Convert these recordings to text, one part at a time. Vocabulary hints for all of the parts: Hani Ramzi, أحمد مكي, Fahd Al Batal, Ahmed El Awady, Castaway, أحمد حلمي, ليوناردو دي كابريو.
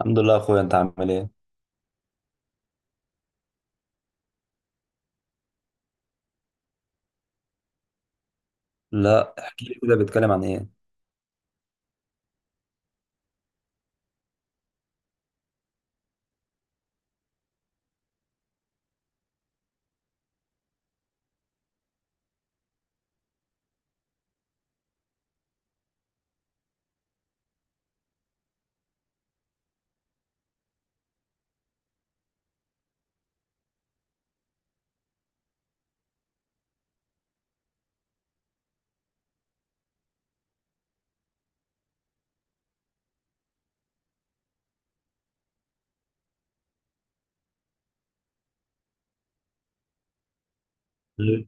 الحمد لله يا اخويا. انت عامل ايه؟ لا، احكي لي كده بيتكلم عن ايه. مم.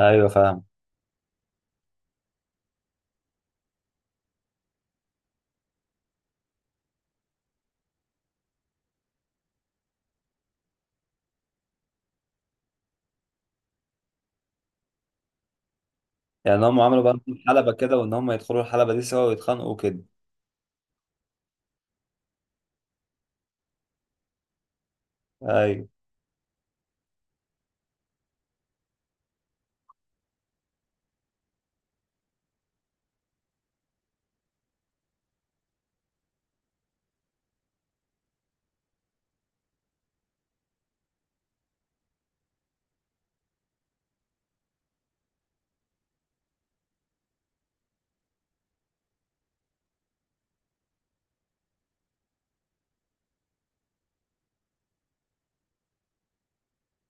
ايوه، فاهم. يعني هم عملوا بقى حلبة كده، وان هم يدخلوا الحلبة دي سوا ويتخانقوا كده. ايوه.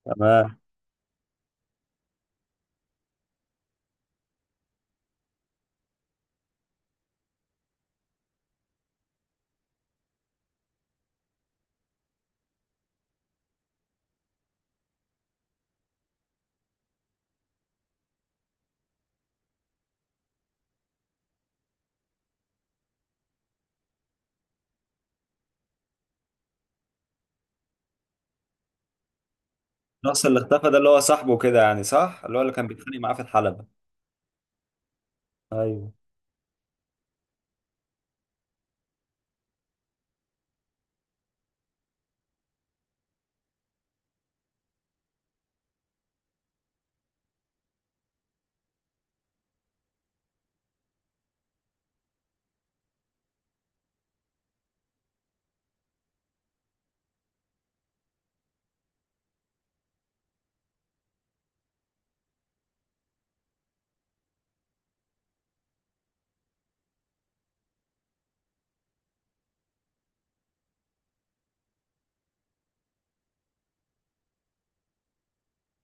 تمام. الشخص اللي اختفى ده اللي هو صاحبه كده، يعني صح؟ اللي هو اللي كان بيتخانق معاه في الحلبة؟ ايوه.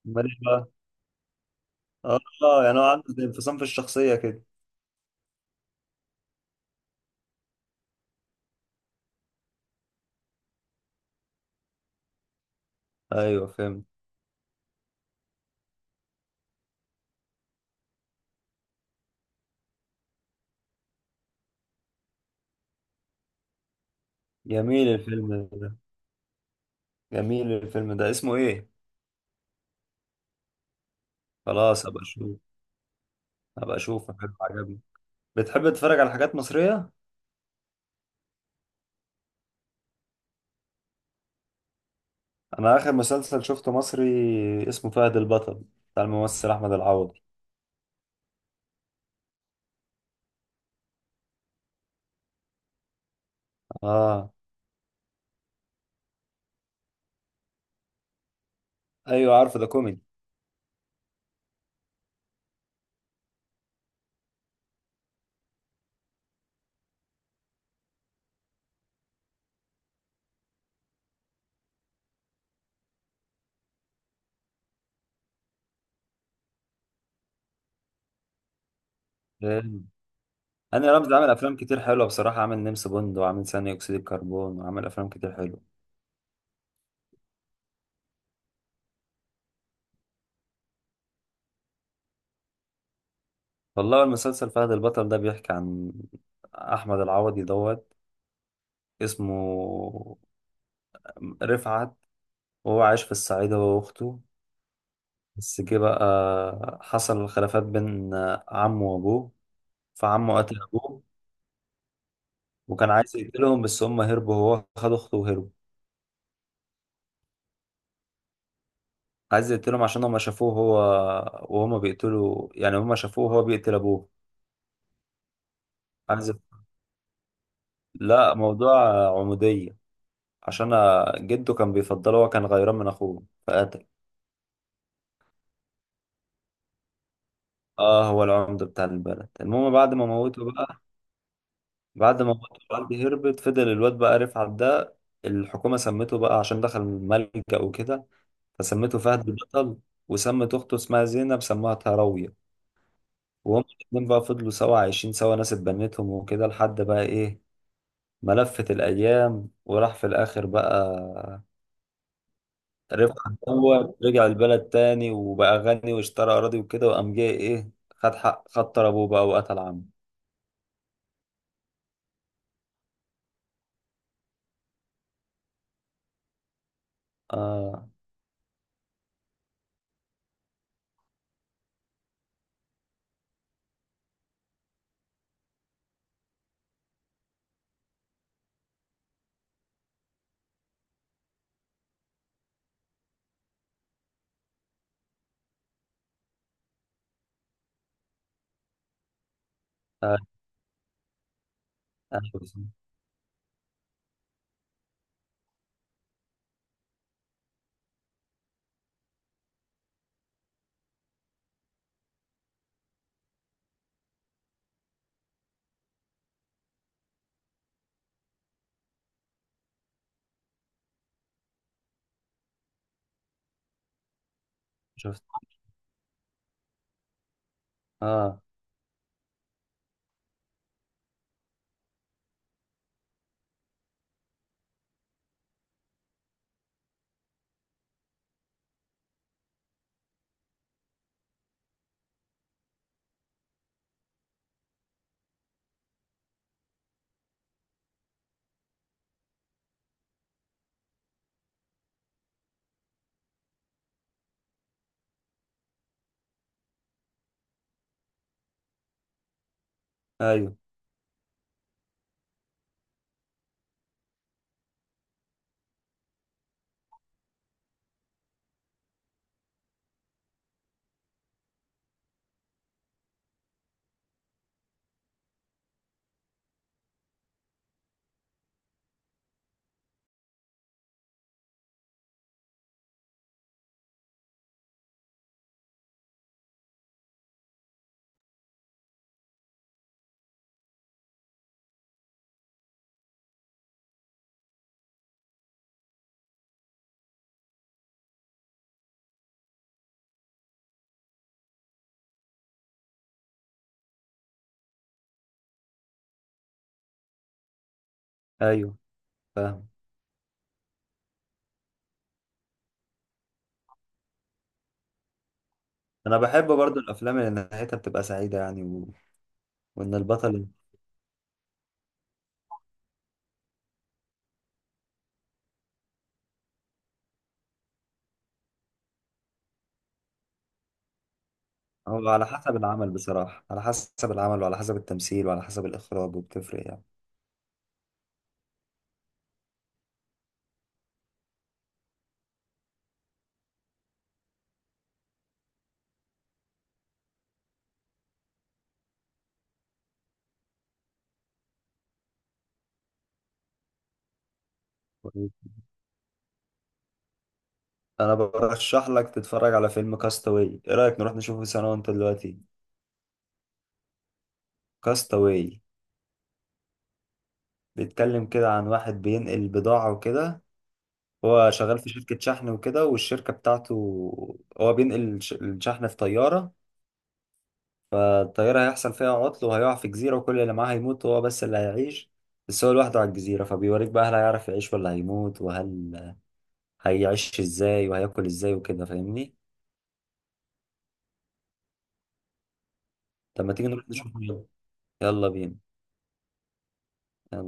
امال ايه بقى؟ اه، يعني هو عنده زي انفصام في الشخصية كده. ايوه، فهمت. جميل الفيلم ده. جميل الفيلم ده، اسمه ايه؟ خلاص، هبقى اشوف. هبقى اشوفه، حلو، عجبني. بتحب تتفرج على حاجات مصرية؟ انا اخر مسلسل شفته مصري اسمه فهد البطل، بتاع الممثل احمد العوضي. اه. ايوه، عارفه ده، كوميدي. جامد. هاني رمزي عامل افلام كتير حلوه بصراحه، عامل نمس بوند، وعامل ثاني اكسيد الكربون، وعامل افلام كتير حلوه. والله المسلسل فهد البطل ده بيحكي عن احمد العوضي دوت اسمه رفعت، وهو عايش في الصعيد هو واخته. بس جه بقى حصل خلافات بين عمه وابوه، فعمه قتل ابوه، وكان عايز يقتلهم بس هم هربوا، هو خد اخته وهربوا. عايز يقتلهم عشان هما شافوه، هو وهما بيقتلوا، يعني هما شافوه وهو بيقتل ابوه. عايز لا، موضوع عمودية، عشان جده كان بيفضله، هو كان غيران من اخوه فقتل. اه، هو العمدة بتاع البلد. المهم بعد ما موته بقى، بعد ما موته والدي هربت، فضل الواد بقى رفعت ده الحكومة سمته بقى عشان دخل ملجأ وكده، فسمته فهد البطل، وسمت أخته اسمها زينب سموها تهراوية. وهم الاتنين بقى فضلوا سوا، عايشين سوا، ناس اتبنتهم وكده، لحد بقى إيه، ملفت الأيام وراح في الآخر بقى ربح. الأول رجع البلد تاني وبقى غني واشترى أراضي وكده، وقام جاي إيه، خد حق، خد طار أبوه بقى وقتل عمه. آه. آه. أيوه. شفت. آه. أيوه. أيوه، فاهم. أنا بحب برضو الأفلام اللي نهايتها بتبقى سعيدة، يعني و... وإن البطل... هو على حسب العمل بصراحة، على حسب العمل وعلى حسب التمثيل وعلى حسب الإخراج، وبتفرق يعني. أنا برشح لك تتفرج على فيلم كاستاوي. إيه رأيك نروح نشوفه سوا أنت دلوقتي؟ كاستاوي بيتكلم كده عن واحد بينقل بضاعة وكده. هو شغال في شركة شحن وكده، والشركة بتاعته هو بينقل الشحن في طيارة. فالطيارة هيحصل فيها عطل وهيقع في جزيرة، وكل اللي معاه هيموت وهو بس اللي هيعيش. بس هو لوحده على الجزيرة، فبيوريك بقى هل هيعرف يعيش ولا هيموت، وهل هيعيش ازاي وهياكل ازاي وكده، فاهمني؟ طب ما تيجي نروح نشوفه يلا، يلا بينا، يلا.